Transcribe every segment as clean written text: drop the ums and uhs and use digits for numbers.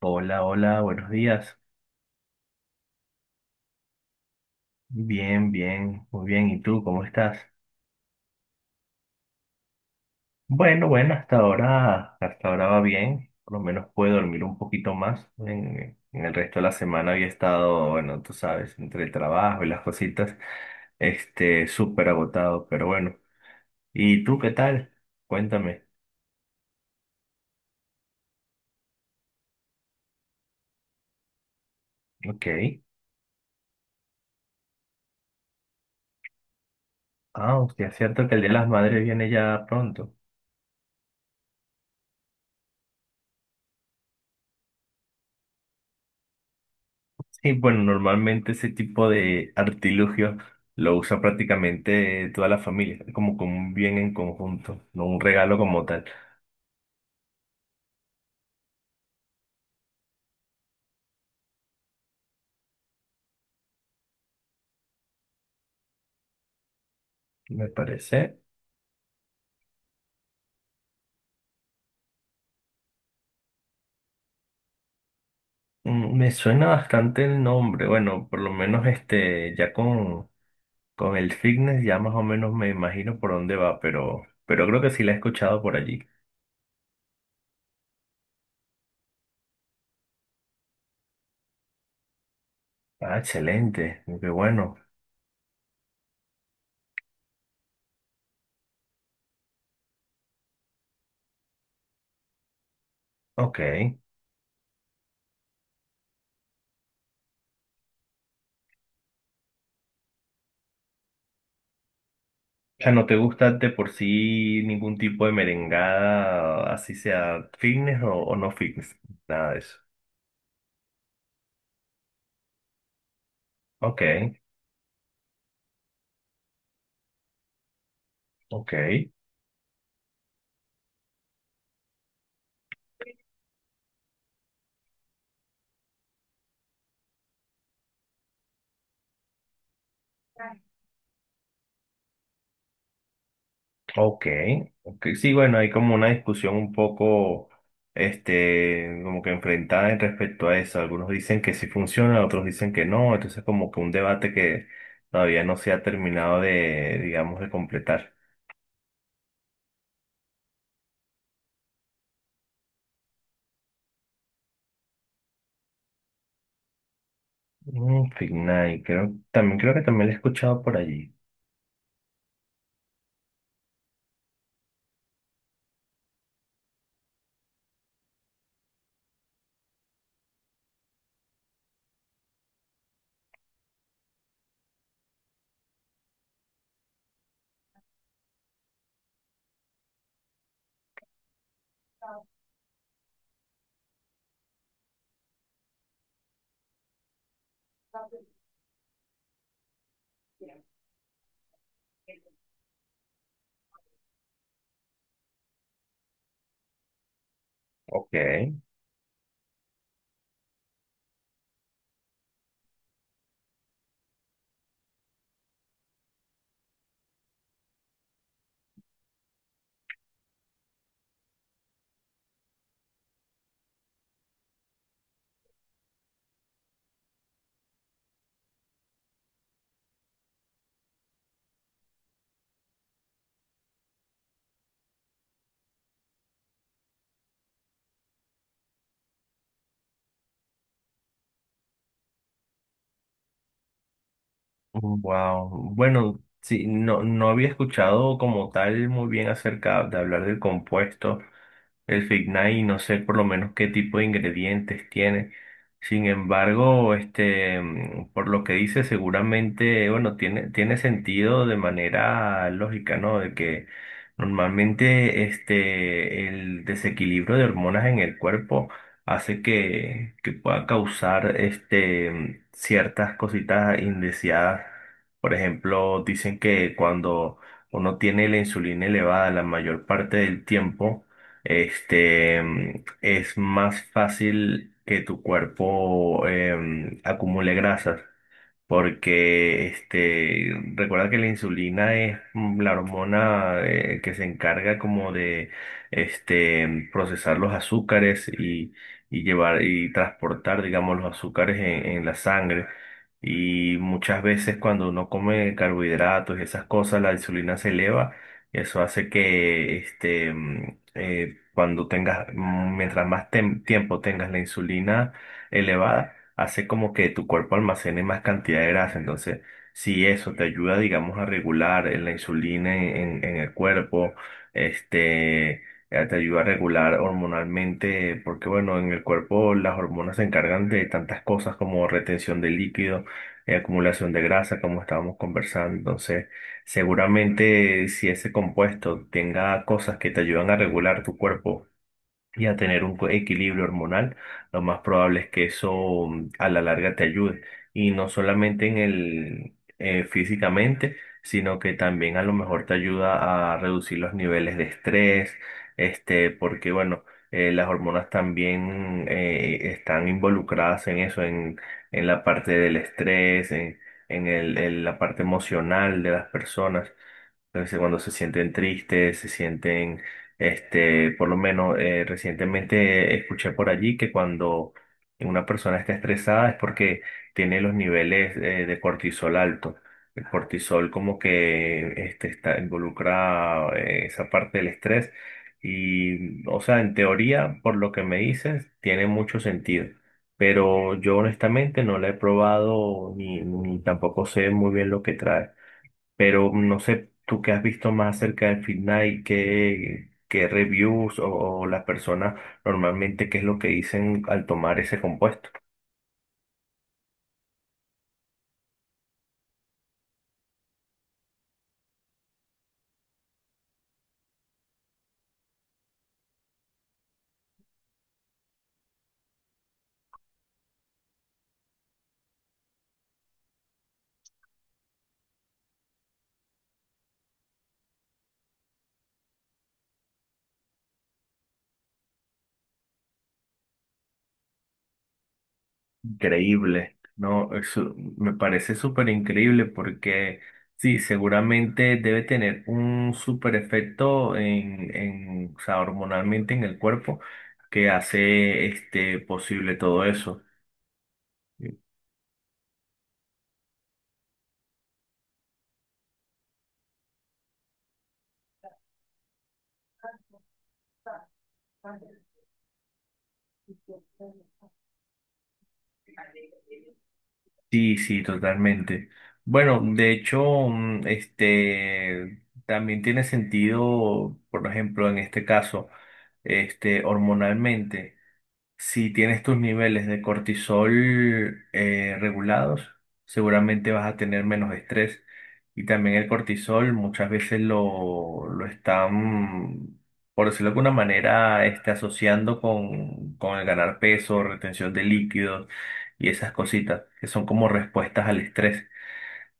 Hola, hola, buenos días. Bien, bien, muy bien. ¿Y tú cómo estás? Bueno, bueno, hasta ahora va bien. Por lo menos puedo dormir un poquito más. En el resto de la semana había estado, bueno, tú sabes, entre el trabajo y las cositas, súper agotado, pero bueno. ¿Y tú qué tal? Cuéntame. Ok. Ah, hostia, es cierto que el Día de las Madres viene ya pronto. Sí, bueno, normalmente ese tipo de artilugio lo usa prácticamente toda la familia, como con un bien en conjunto, no un regalo como tal. Me parece. Me suena bastante el nombre. Bueno, por lo menos ya con el fitness ya más o menos me imagino por dónde va, pero creo que sí la he escuchado por allí. Ah, excelente, qué bueno. Ok. O sea, ¿no te gusta de por sí ningún tipo de merengada, así sea fitness o no fitness? Nada de eso. Ok, ok, ok, ok. Sí, bueno, hay como una discusión un poco, como que enfrentada respecto a eso. Algunos dicen que sí funciona, otros dicen que no. Entonces, como que un debate que todavía no se ha terminado de, digamos, de completar. Fitness, creo, también creo que también lo he escuchado por allí. Ok. Wow. Bueno, sí, no había escuchado como tal muy bien acerca de hablar del compuesto, el Fignai, no sé por lo menos qué tipo de ingredientes tiene. Sin embargo, por lo que dice, seguramente, bueno, tiene sentido de manera lógica, ¿no? De que normalmente el desequilibrio de hormonas en el cuerpo hace que pueda causar ciertas cositas indeseadas. Por ejemplo, dicen que cuando uno tiene la insulina elevada la mayor parte del tiempo, es más fácil que tu cuerpo acumule grasas. Porque recuerda que la insulina es la hormona que se encarga como de procesar los azúcares y llevar y transportar, digamos, los azúcares en la sangre. Y muchas veces cuando uno come carbohidratos y esas cosas, la insulina se eleva. Y eso hace que mientras más tiempo tengas la insulina elevada hace como que tu cuerpo almacene más cantidad de grasa. Entonces, si eso te ayuda, digamos, a regular la insulina en el cuerpo, este, te ayuda a regular hormonalmente, porque bueno, en el cuerpo las hormonas se encargan de tantas cosas como retención de líquido, acumulación de grasa, como estábamos conversando. Entonces, seguramente si ese compuesto tenga cosas que te ayudan a regular tu cuerpo, y a tener un equilibrio hormonal, lo más probable es que eso a la larga te ayude. Y no solamente en el físicamente, sino que también a lo mejor te ayuda a reducir los niveles de estrés, porque bueno, las hormonas también están involucradas en eso, en la parte del estrés, en la parte emocional de las personas. Entonces, cuando se sienten tristes, por lo menos recientemente escuché por allí que cuando una persona está estresada es porque tiene los niveles de cortisol alto. El cortisol como que está involucra esa parte del estrés y, o sea, en teoría, por lo que me dices, tiene mucho sentido. Pero yo honestamente no la he probado ni tampoco sé muy bien lo que trae. Pero no sé, tú qué has visto más acerca del final y qué reviews o las personas normalmente qué es lo que dicen al tomar ese compuesto. Increíble, ¿no? Eso me parece súper increíble porque sí, seguramente debe tener un súper efecto en, o sea, hormonalmente en el cuerpo que hace este posible todo eso. Sí, sí, totalmente. Bueno, de hecho, también tiene sentido, por ejemplo, en este caso, hormonalmente. Si tienes tus niveles de cortisol regulados, seguramente vas a tener menos estrés. Y también el cortisol muchas veces lo están, por decirlo de alguna manera, asociando con el ganar peso, retención de líquidos y esas cositas que son como respuestas al estrés.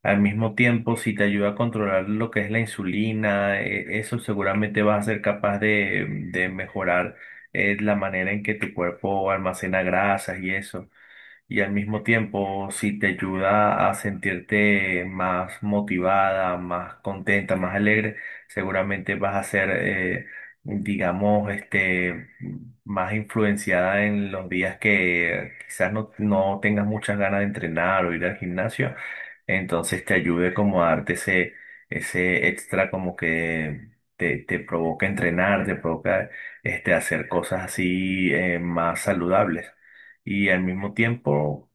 Al mismo tiempo, si te ayuda a controlar lo que es la insulina, eso seguramente vas a ser capaz de mejorar la manera en que tu cuerpo almacena grasas y eso y al mismo tiempo si te ayuda a sentirte más motivada, más contenta, más alegre, seguramente vas a ser, digamos, más influenciada en los días que quizás no tengas muchas ganas de entrenar o ir al gimnasio, entonces te ayude como a darte ese extra como que te provoca entrenar, te provoca hacer cosas así más saludables y al mismo tiempo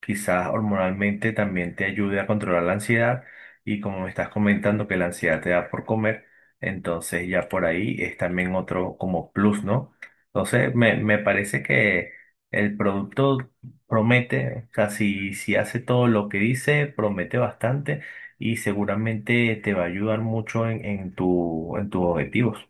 quizás hormonalmente también te ayude a controlar la ansiedad y como me estás comentando que la ansiedad te da por comer, entonces ya por ahí es también otro como plus, ¿no? Entonces me parece que el producto promete, o sea, si hace todo lo que dice, promete bastante y seguramente te va a ayudar mucho en, en tus objetivos.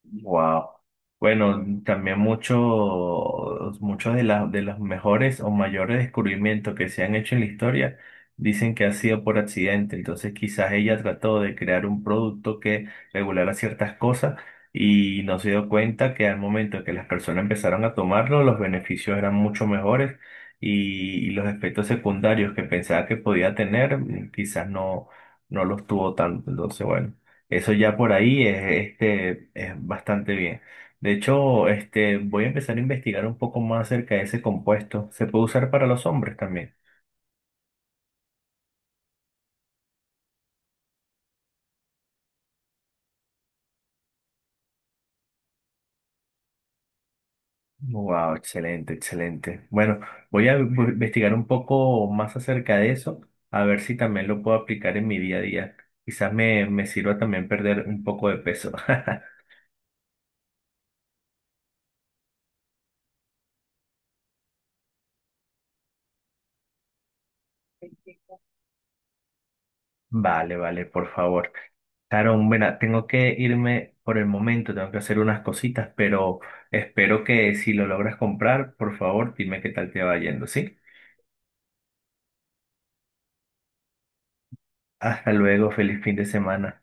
Wow. Bueno, también muchos de los mejores o mayores descubrimientos que se han hecho en la historia dicen que ha sido por accidente. Entonces, quizás ella trató de crear un producto que regulara ciertas cosas y no se dio cuenta que al momento que las personas empezaron a tomarlo, los beneficios eran mucho mejores y los efectos secundarios que pensaba que podía tener, quizás no los tuvo tanto. Entonces, bueno. Eso ya por ahí es bastante bien. De hecho, voy a empezar a investigar un poco más acerca de ese compuesto. ¿Se puede usar para los hombres también? Wow, excelente, excelente. Bueno, voy a investigar un poco más acerca de eso, a ver si también lo puedo aplicar en mi día a día. Quizás me sirva también perder un poco de peso. Vale, vale, por favor. Sharon, mira, tengo que irme por el momento, tengo que hacer unas cositas, pero espero que si lo logras comprar, por favor, dime qué tal te va yendo, ¿sí? Hasta luego, feliz fin de semana.